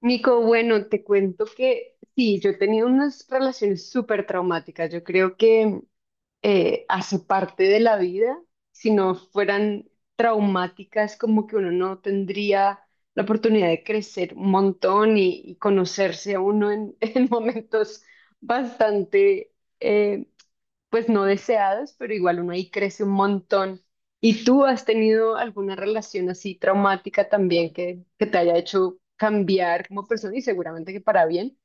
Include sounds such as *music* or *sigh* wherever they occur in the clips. Nico, bueno, te cuento que sí, yo he tenido unas relaciones súper traumáticas. Yo creo que hace parte de la vida. Si no fueran traumáticas, como que uno no tendría la oportunidad de crecer un montón y conocerse a uno *laughs* en momentos bastante, eh, pues no deseadas pero igual uno ahí crece un montón. ¿Y tú has tenido alguna relación así traumática también que te haya hecho cambiar como persona y seguramente que para bien?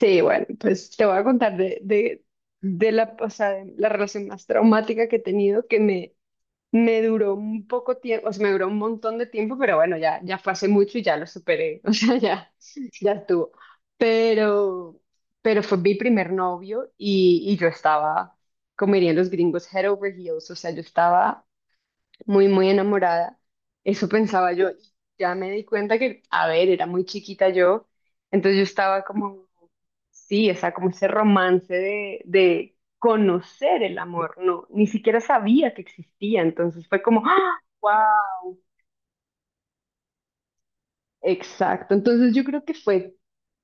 Sí, bueno, pues te voy a contar de o sea, de la relación más traumática que he tenido que me duró un poco tiempo, o sea, me duró un montón de tiempo, pero bueno, ya fue hace mucho y ya lo superé, *laughs* o sea, ya, ya estuvo. Pero, pero fue mi primer novio y yo estaba, como dirían los gringos, head over heels, o sea, yo estaba muy, muy enamorada, eso pensaba yo, y ya me di cuenta que, a ver, era muy chiquita yo, entonces yo estaba como sí, o sea, como ese romance de conocer el amor, no, ni siquiera sabía que existía, entonces fue como, ¡ah! ¡Wow! Exacto, entonces yo creo que fue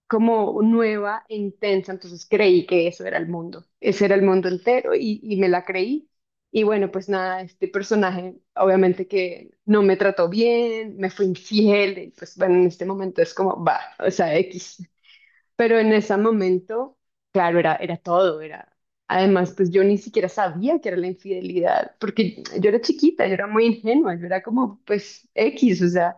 como nueva e intensa, entonces creí que eso era el mundo, ese era el mundo entero y me la creí. Y bueno, pues nada, este personaje obviamente que no me trató bien, me fue infiel, y pues bueno, en este momento es como, va, o sea, X. Pero en ese momento, claro, era todo, era... Además, pues yo ni siquiera sabía que era la infidelidad, porque yo era chiquita, yo era muy ingenua, yo era como, pues, X, o sea,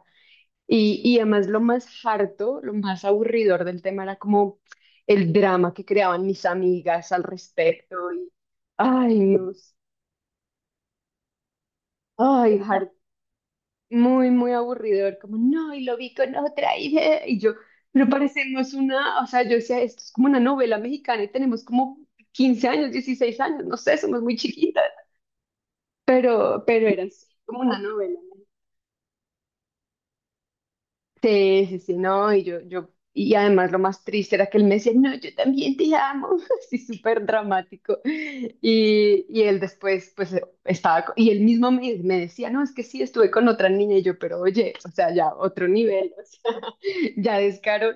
y además lo más harto, lo más aburridor del tema era como el drama que creaban mis amigas al respecto, y, ay, Dios, ay, harto. Muy, muy aburrido aburridor, como, no, y lo vi con otra, y yo, pero parecemos una, o sea, yo decía, esto es como una novela mexicana y tenemos como 15 años, 16 años, no sé, somos muy chiquitas, pero era así, como una novela. Sí, sí, sí, no, y yo, y además lo más triste era que él me decía, no, yo también te amo, *laughs* así súper dramático. Y él después, pues, estaba, y él mismo me decía, no, es que sí, estuve con otra niña, y yo, pero oye, o sea, ya otro nivel, o sea, *laughs* ya descaro,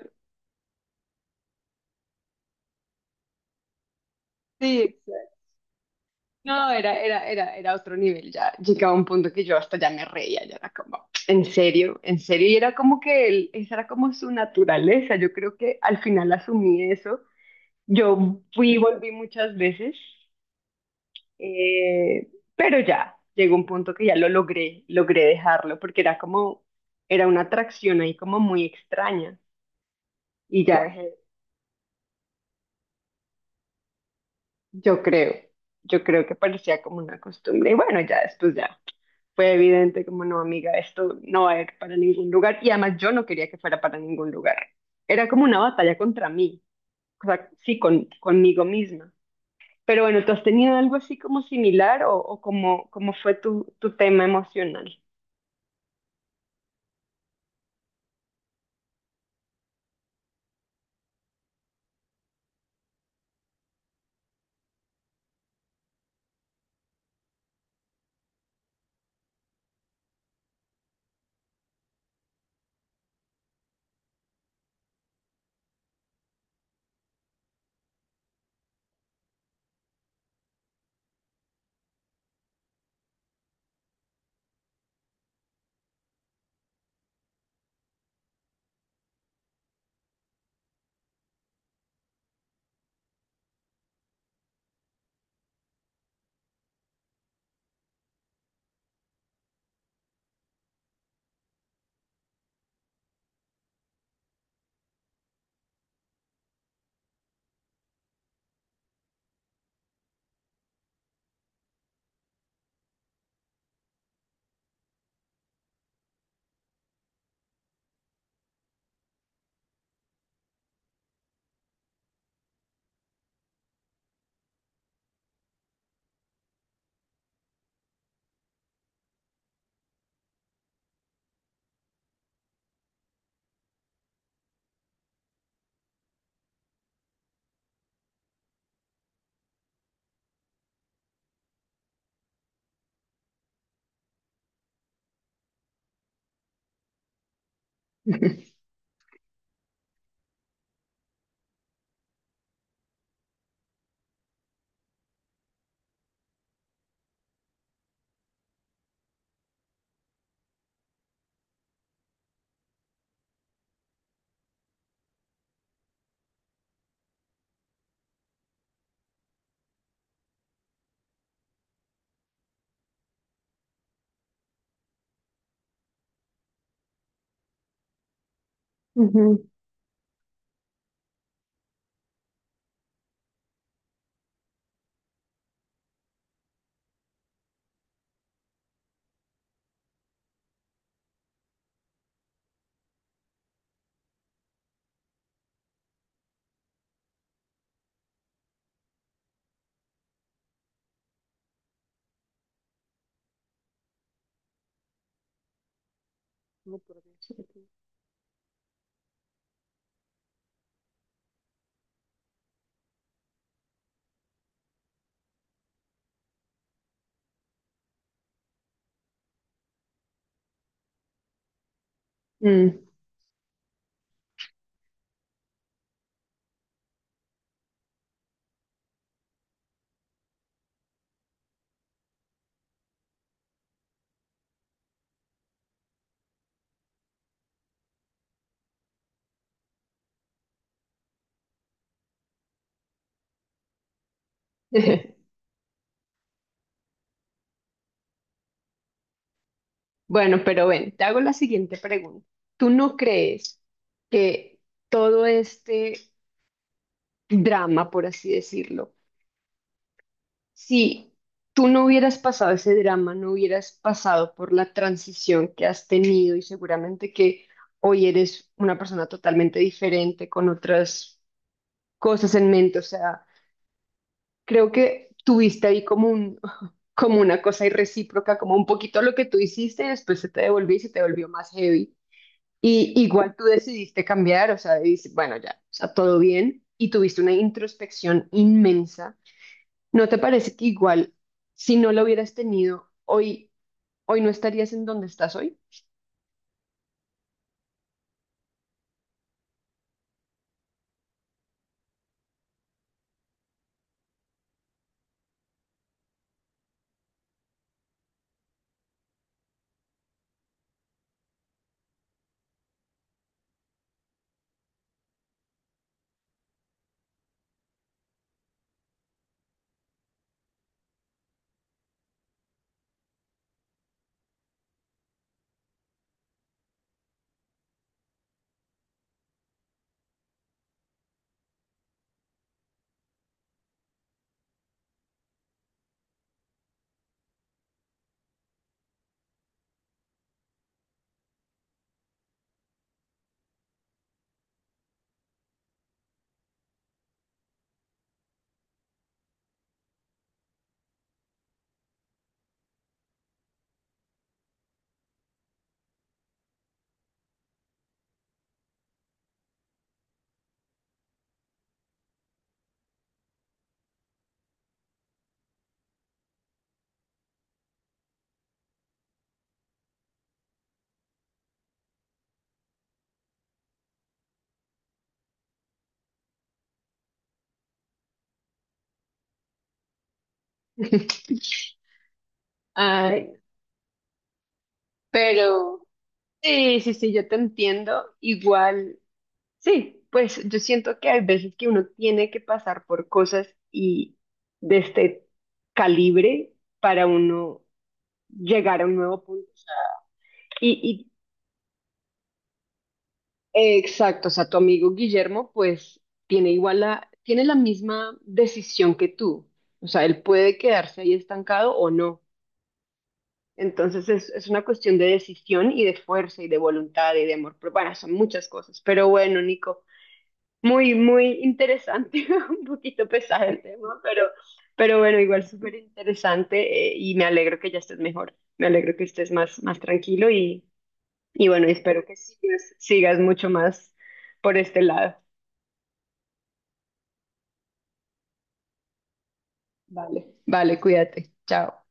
sí, exacto. No, era otro nivel, ya llegaba un punto que yo hasta ya me reía, ya era como, en serio, y era como que él, esa era como su naturaleza, yo creo que al final asumí eso. Yo fui y volví muchas veces, eh, pero ya llegó un punto que ya lo logré, logré dejarlo porque era como, era una atracción ahí como muy extraña y ya dejé, yo creo, yo creo que parecía como una costumbre y bueno, ya después ya fue evidente como no, amiga, esto no va a ir para ningún lugar y además yo no quería que fuera para ningún lugar. Era como una batalla contra mí, o sea, sí, conmigo misma. Pero bueno, ¿tú has tenido algo así como similar o cómo fue tu tema emocional? *laughs* Ujú. No, por Dios. Mm. *laughs* Bueno, pero ven, te hago la siguiente pregunta. ¿Tú no crees que todo este drama, por así decirlo, si tú no hubieras pasado ese drama, no hubieras pasado por la transición que has tenido y seguramente que hoy eres una persona totalmente diferente con otras cosas en mente, o sea, creo que tuviste ahí como un, como una cosa irrecíproca, como un poquito lo que tú hiciste y después se te devolvió y se te volvió más heavy? Y igual tú decidiste cambiar, o sea, dices, bueno, ya, o sea, todo bien y tuviste una introspección inmensa. ¿No te parece que igual si no lo hubieras tenido hoy, hoy no estarías en donde estás hoy? *laughs* Ay, pero sí, sí, sí, yo te entiendo. Igual sí, pues yo siento que hay veces que uno tiene que pasar por cosas y de este calibre para uno llegar a un nuevo punto. O sea, y exacto, o sea, tu amigo Guillermo pues tiene igual la, tiene la misma decisión que tú. O sea, él puede quedarse ahí estancado o no. Entonces es una cuestión de decisión y de fuerza y de voluntad y de amor. Pero bueno, son muchas cosas. Pero bueno, Nico. Muy, muy interesante, *laughs* un poquito pesado el tema, pero bueno, igual súper interesante y me alegro que ya estés mejor, me alegro que estés más, más tranquilo y bueno, espero que sigas mucho más por este lado. Vale, vale, cuídate, chao.